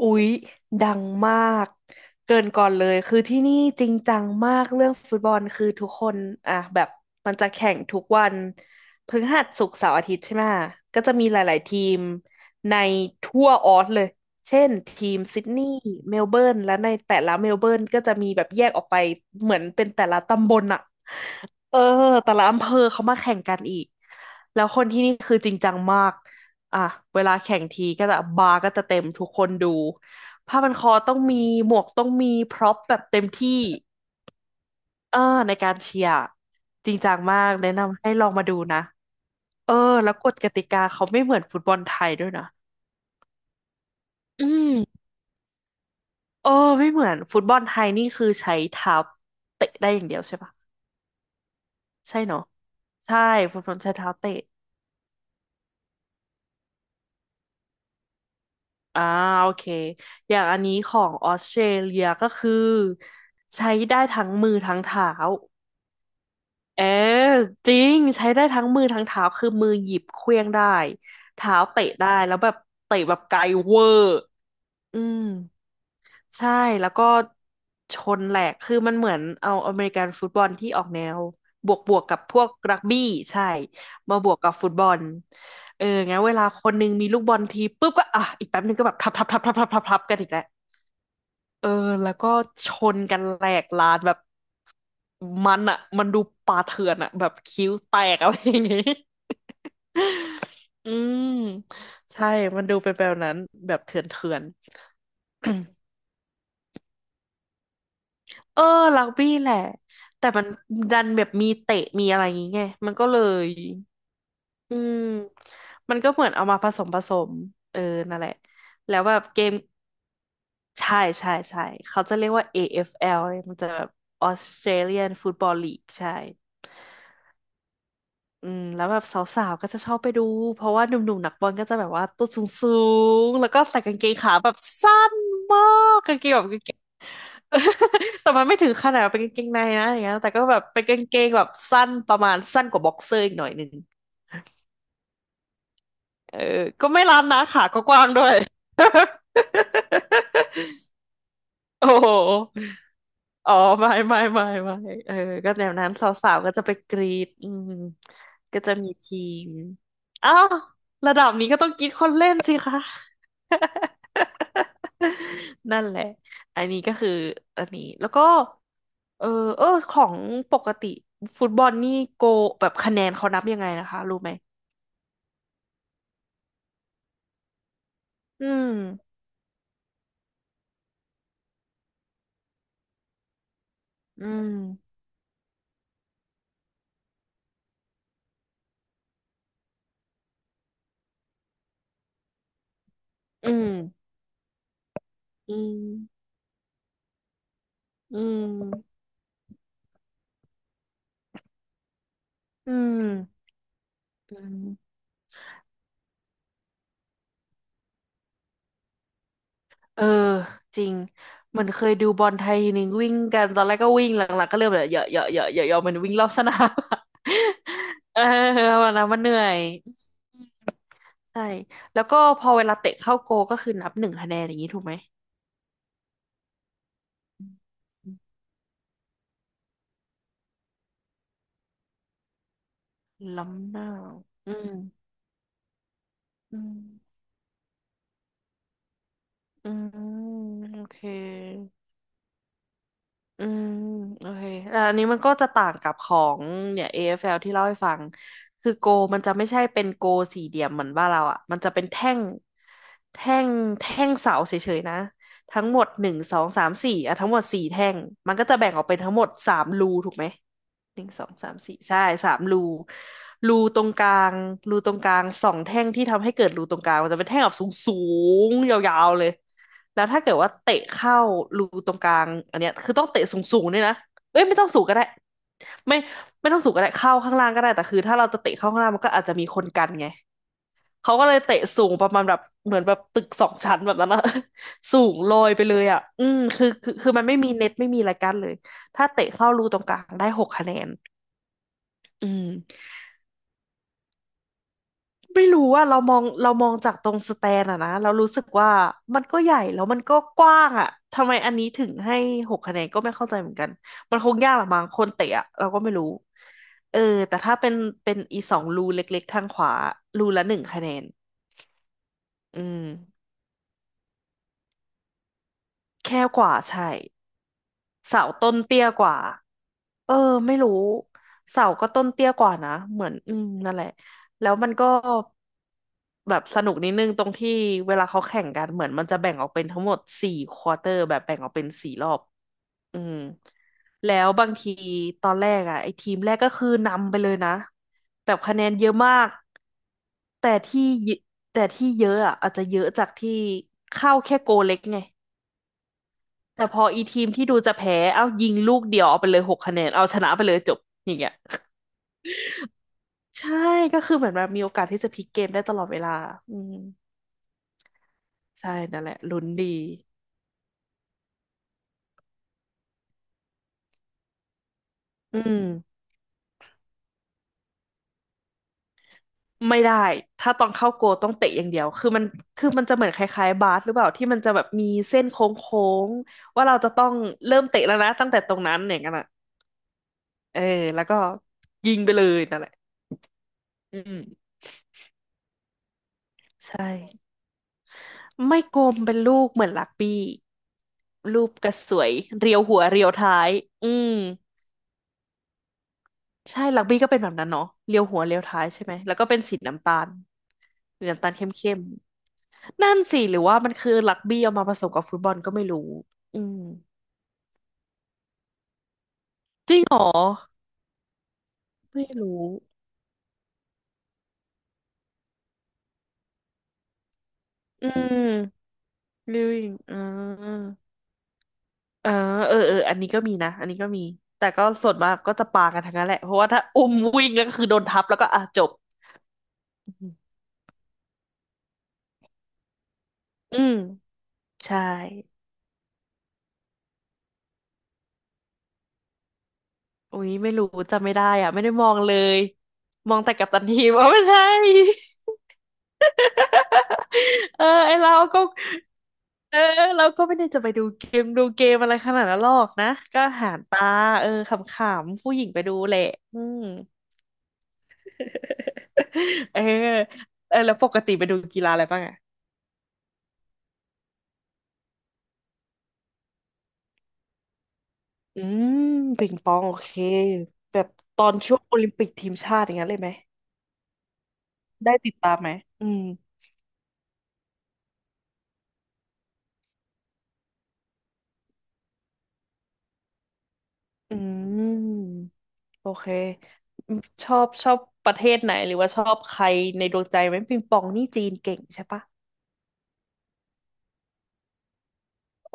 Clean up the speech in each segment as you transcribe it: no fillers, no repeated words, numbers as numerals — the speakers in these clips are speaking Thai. อุ๊ยดังมากเกินก่อนเลยคือที่นี่จริงจังมากเรื่องฟุตบอลคือทุกคนอ่ะแบบมันจะแข่งทุกวันพฤหัสศุกร์เสาร์อาทิตย์ใช่ไหมก็จะมีหลายๆทีมในทั่วออสเลยเช่นทีมซิดนีย์เมลเบิร์นและในแต่ละเมลเบิร์นก็จะมีแบบแยกออกไปเหมือนเป็นแต่ละตำบลอะ เออแต่ละอำเภอเขามาแข่งกันอีกแล้วคนที่นี่คือจริงจังมากอ่ะเวลาแข่งทีก็จะบาร์ก็จะเต็มทุกคนดูผ้าพันคอต้องมีหมวกต้องมีพร็อพแบบเต็มที่เออในการเชียร์จริงจังมากแนะนำให้ลองมาดูนะเออแล้วกฎกติกาเขาไม่เหมือนฟุตบอลไทยด้วยนะอืมเออไม่เหมือนฟุตบอลไทยนี่คือใช้เท้าเตะได้อย่างเดียวใช่ปะใช่เนาะใช่ฟุตบอลใช้เท้าเตะ อ่าโอเคอย่างอันนี้ของออสเตรเลียก็คือใช้ได้ทั้งมือทั้งเท้าเออจริงใช้ได้ทั้งมือทั้งเท้าคือมือหยิบเขว้างได้เท้าเตะได้แล้วแบบเตะแบบไกลเวอร์อืมใช่แล้วก็ชนแหลกคือมันเหมือนเอาอเมริกันฟุตบอลที่ออกแนวบวกกับพวกรักบี้ใช่มาบวกกับฟุตบอลเอองั้นเวลาคนหนึงมีลูกบอลทีปุ๊บก็อ่ะอีกแป๊บหนึงก็แบบทับทับทับทับทับทับทับกันอีกแล้ว เออแล้วก็ชนกันแหลกลานแบบมันอะมันดูป่าเถื่อนอะแบบคิ้วแตกอะไรอย่างงี้ อืมใช่มันดูเป็นแบบนั้นแบบเถื่อนเถื่อน เออรักบี้แหละแต่มันดันแบบมีเตะมีอะไรอย่างงี้ไงมันก็เลยอืมมันก็เหมือนเอามาผสมผสมเออนั่นแหละแล้วแบบเกม ใช่ใช่ใช่เขาจะเรียกว่า AFL เอฟแอลเลยมันจะแบบ Australian Football League ใช่อืมแล้วแบบสาวๆ ก็จะชอบไปดูเพราะว่าหนุ่มๆนักบอลก็จะแบบว่าตัวสูงๆ แล้วก็ใส่กางเกงขาแบบสั้นมากกางเกงแบบกางเกง แต่มันไม่ถึงขนาดเป็นกางเกงในนะอย่างเงี้ยแต่ก็แบบเป็นกางเกงแบบสั้นประมาณสั้นกว่าบ็อกเซอร์อีกหน่อยหนึ่งเออก็ไม่ล้ำนะขากกว้างๆด้วย โอ้โหอ๋อไม่ไม่ไม่ไม่เออก็แนวนั้นสาวๆก็จะไปกรีดอืมก็จะมีทีมอ้าวระดับนี้ก็ต้องกรีดคนเล่นสิคะ นั่นแหละอันนี้ก็คืออันนี้แล้วก็เออเออของปกติฟุตบอลนี่โกแบบคะแนนเขานับยังไงนะคะรู้ไหมอืมอืมอืมอืมอืมอืมอืม เออจริงมันเคยดูบอลไทยทีนึงวิ่งกันตอนแรกก็วิ่ง หลังๆก็เริ่มแบบเหยอะเหยอะเหยอะเหยอะเหยอะมันวิ่งรอบสนาม เออ วันนั้นมันเหนื่อยใช่แล้วก็พอเวลาเตะเข้าโกก็คือนับหนึ่งคะแนนอย่างนี้ถูกไหมอืมล้ำหน้าอืมอืมอืมโอเค อืมโอเคแต่อันนี้มันก็จะต่างกับของเนี่ย AFL ที่เล่าให้ฟังคือโกมันจะไม่ใช่เป็นโกสี่เหลี่ยมเหมือนบ้านเราอ่ะมันจะเป็นแท่งแท่งแท่งเสาเฉยๆนะทั้งหมดหนึ่งสองสามสี่อ่ะทั้งหมดสี่แท่งมันก็จะแบ่งออกเป็นทั้งหมดสามรูถูกไหม หนึ่งสองสามสี่ใช่สามรูรูตรงกลางรูตรงกลางสองแท่งที่ทำให้เกิดรูตรงกลางมันจะเป็นแท่งแบบสูงสูงยาวๆเลยแล้วถ้าเกิดว่าเตะเข้ารูตรงกลางอันเนี้ยคือต้องเตะสูงสูงด้วยนะเอ้ยไม่ต้องสูงก็ได้ไม่ไม่ต้องสูงก็ได้เข้าข้างล่างก็ได้แต่คือถ้าเราจะเตะเข้าข้างล่างมันก็อาจจะมีคนกันไงเขาก็เลยเตะสูงประมาณแบบเหมือนแบบตึกสองชั้นแบบนั้นอะ สูงลอยไปเลยอ่ะอืมคือมันไม่มีเน็ตไม่มีอะไรกั้นเลยถ้าเตะเข้ารูตรงกลางได้หกคะแนน อืมไม่รู้ว่าเรามองจากตรงสแตนอะนะเรารู้สึกว่ามันก็ใหญ่แล้วมันก็กว้างอะทำไมอันนี้ถึงให้หกคะแนนก็ไม่เข้าใจเหมือนกันมันคงยากละมั้งคนเตะอะเราก็ไม่รู้เออแต่ถ้าเป็นอีสองรูเล็กๆทางขวารูละหนึ่งคะแนนอืมแค่กว่าใช่ เสาต้นเตี้ยกว่าเออไม่รู้เสาก็ต้นเตี้ยกว่านะเหมือนอืมนั่นแหละแล้วมันก็แบบสนุกนิดนึงตรงที่เวลาเขาแข่งกันเหมือนมันจะแบ่งออกเป็นทั้งหมดสี่ควอเตอร์แบบแบ่งออกเป็นสี่รอบอืมแล้วบางทีตอนแรกอ่ะไอ้ทีมแรกก็คือนำไปเลยนะแบบคะแนนเยอะมากแต่ที่เยแต่ที่เยอะอ่ะอาจจะเยอะจากที่เข้าแค่โกเล็กไง แต่พออีทีมที่ดูจะแพ้ เอ้ายิงลูกเดียวเอาไปเลยหกคะแนนเอาชนะไปเลยจบอย่างเงี้ย ใช่ก็คือเหมือนแบบมีโอกาสที่จะพลิกเกมได้ตลอดเวลาอืมใช่นั่นแหละลุ้นดีอืมไม่ได้ถ้าตอนเข้าโกลต้องเตะอย่างเดียวคือมันจะเหมือนคล้ายๆบาสหรือเปล่าที่มันจะแบบมีเส้นโค้งๆว่าเราจะต้องเริ่มเตะแล้วนะตั้งแต่ตรงนั้นอย่างนั้นอ่ะเออแล้วก็ยิงไปเลยนั่นแหละอืมใช่ ไม่กลมเป็นลูกเหมือนลักบี้รูปกระสวยเรียวหัวเรียวท้ายอืมใช่ลักบี้ก็เป็นแบบนั้นเนาะเรียวหัวเรียวท้ายใช่ไหมแล้วก็เป็นสีน้ำตาลหรือน้ำตาลเข้มๆนั่นสิหรือว่ามันคือลักบี้เอามาผสมกับฟุตบอลก็ไม่รู้อืมจริงเหรอไม่รู้อืม living อ่าเออเออเอออันนี้ก็มีนะอันนี้ก็มีแต่ก็ส่วนมากก็จะปากันทั้งนั้นแหละเพราะว่าถ้าอุ้มวิ่งแล้วก็คือโดนทับแล้วก็อ่ะจบอืม ใช่ อุ๊ยไม่รู้จำไม่ได้อ่ะไม่ได้มองเลย มองแต่กัปตันทีมอ๋อไม่ใช่ เออไอเราก็เออเราก็ไม่ได้จะไปดูเกมดูเกมอะไรขนาดนั้นหรอกนะ ก็หารตาเออขำๆ ผู้หญิงไปดูแหละอืม เออเออแล้วปกติไปดูกีฬาอะไรบ้างอ่ะอืมปิงปองโอเคแบบตอนช่วงโอลิมปิกทีมชาติอย่างนั้นเลยไหมได้ติดตามไหมอืมอืม โอเคอืมชอบชอบประเทศไหนหรือว่าชอบใครในดวงใจไหมปิงปองนี่จีนเก่งใช่ปะ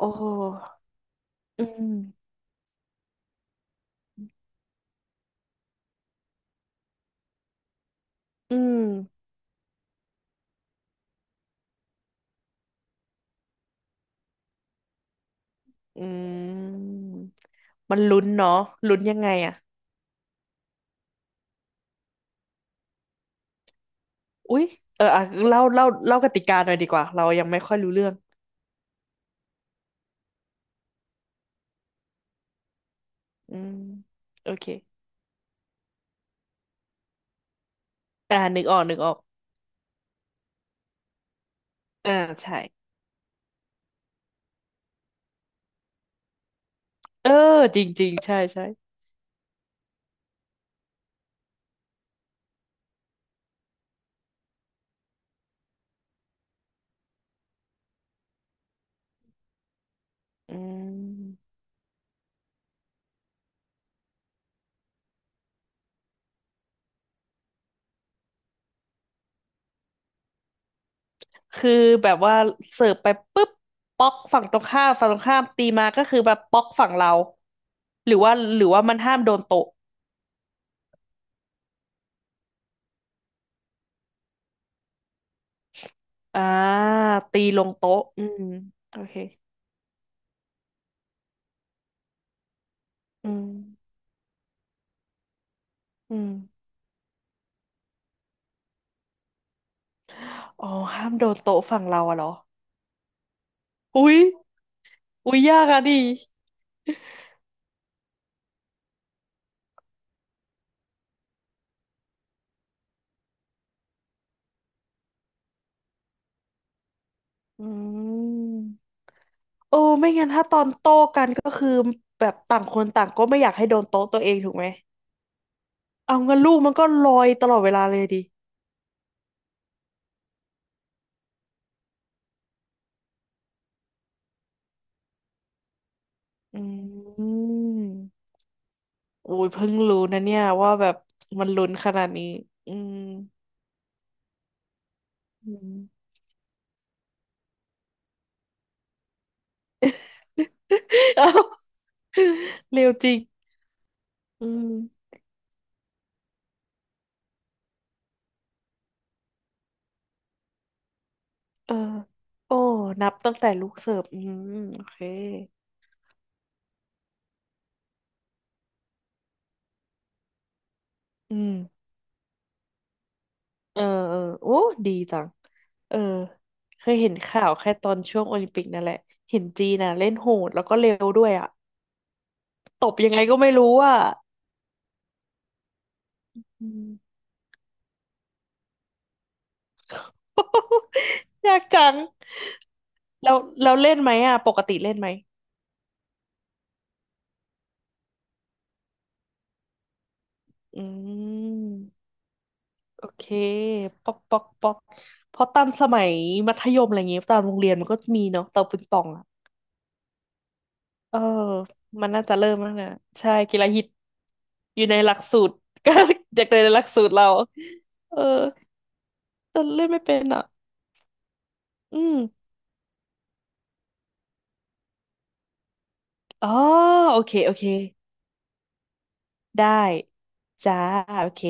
โอ้อืมอืมอืมมันลุ้นเนาะลุ้นยังไงอะอุ๊ยเอออ่ะเล่าเล่าเล่ากติกาหน่อยดีกว่าเรายังไม่ค่อยรู้เรื่องอืมโอเคอ่านึกออกนึกออกอ่าใช่เออจริงจริงใช่ใช่อืม คือแบบว่าเสิร์ฟไปปุ๊บป๊อกฝั่งตรงข้ามฝั่งตรงข้ามตีมาก็คือแบบป๊อกฝั่งเราหรือว่าหรือว่ามันห้ามโดนโต๊ะอ่าตีลงโต๊ะอืมโอเคอืมอืมอ๋อห้ามโดนโต๊ะฝั่งเราอะเหรออุ๊ยอุ๊ยยากอะดิอืมโอ้ไม่งั้นถ้าตอนโต้กันก็คือแบบต่างคนต่างก็ไม่อยากให้โดนโต๊ะตัวเองถูกไหมเอางั้นลูกมันก็ลอยตลอดเวลาเลยดิอืม โอ้ยเพิ่งรู้นะเนี่ยว่าแบบมันลุ้นขนาดนี้ อืม อืม เอ้าเร็วจริง อืม เออโอ้นับตั้งแต่ลูกเสิร์ฟอืมโอเค อืม เออเออ โอ้ดีจัง เออ เคยเห็นข่าวแค่ตอนช่วงโอลิมปิกนั่นแหละ เห็นจีนน่ะเล่นโหดแล้วก็เร็วด้วยอ่ะ ตบยังไงก็ไม่รู้อ่ะอืม ยากจังแล้วแล้วเล่นไหมอ่ะปกติเล่นไหมอืม โอเคป๊อกป๊อกป๊อกเพราะตอนสมัยมัธยมอะไรเงี้ยตอนโรงเรียนมันก็มีเนาะเตาปิงปองอ่ะเออมันน่าจะเริ่มแล้วนะใช่กีฬาฮิตอยู่ในหลักสูตร ก็เด็กในหลักสูตรเรา เออแต่เล่นไม่เป็นอ่ะอืมอ๋อโอเค โอเค ได้จ้าโอเค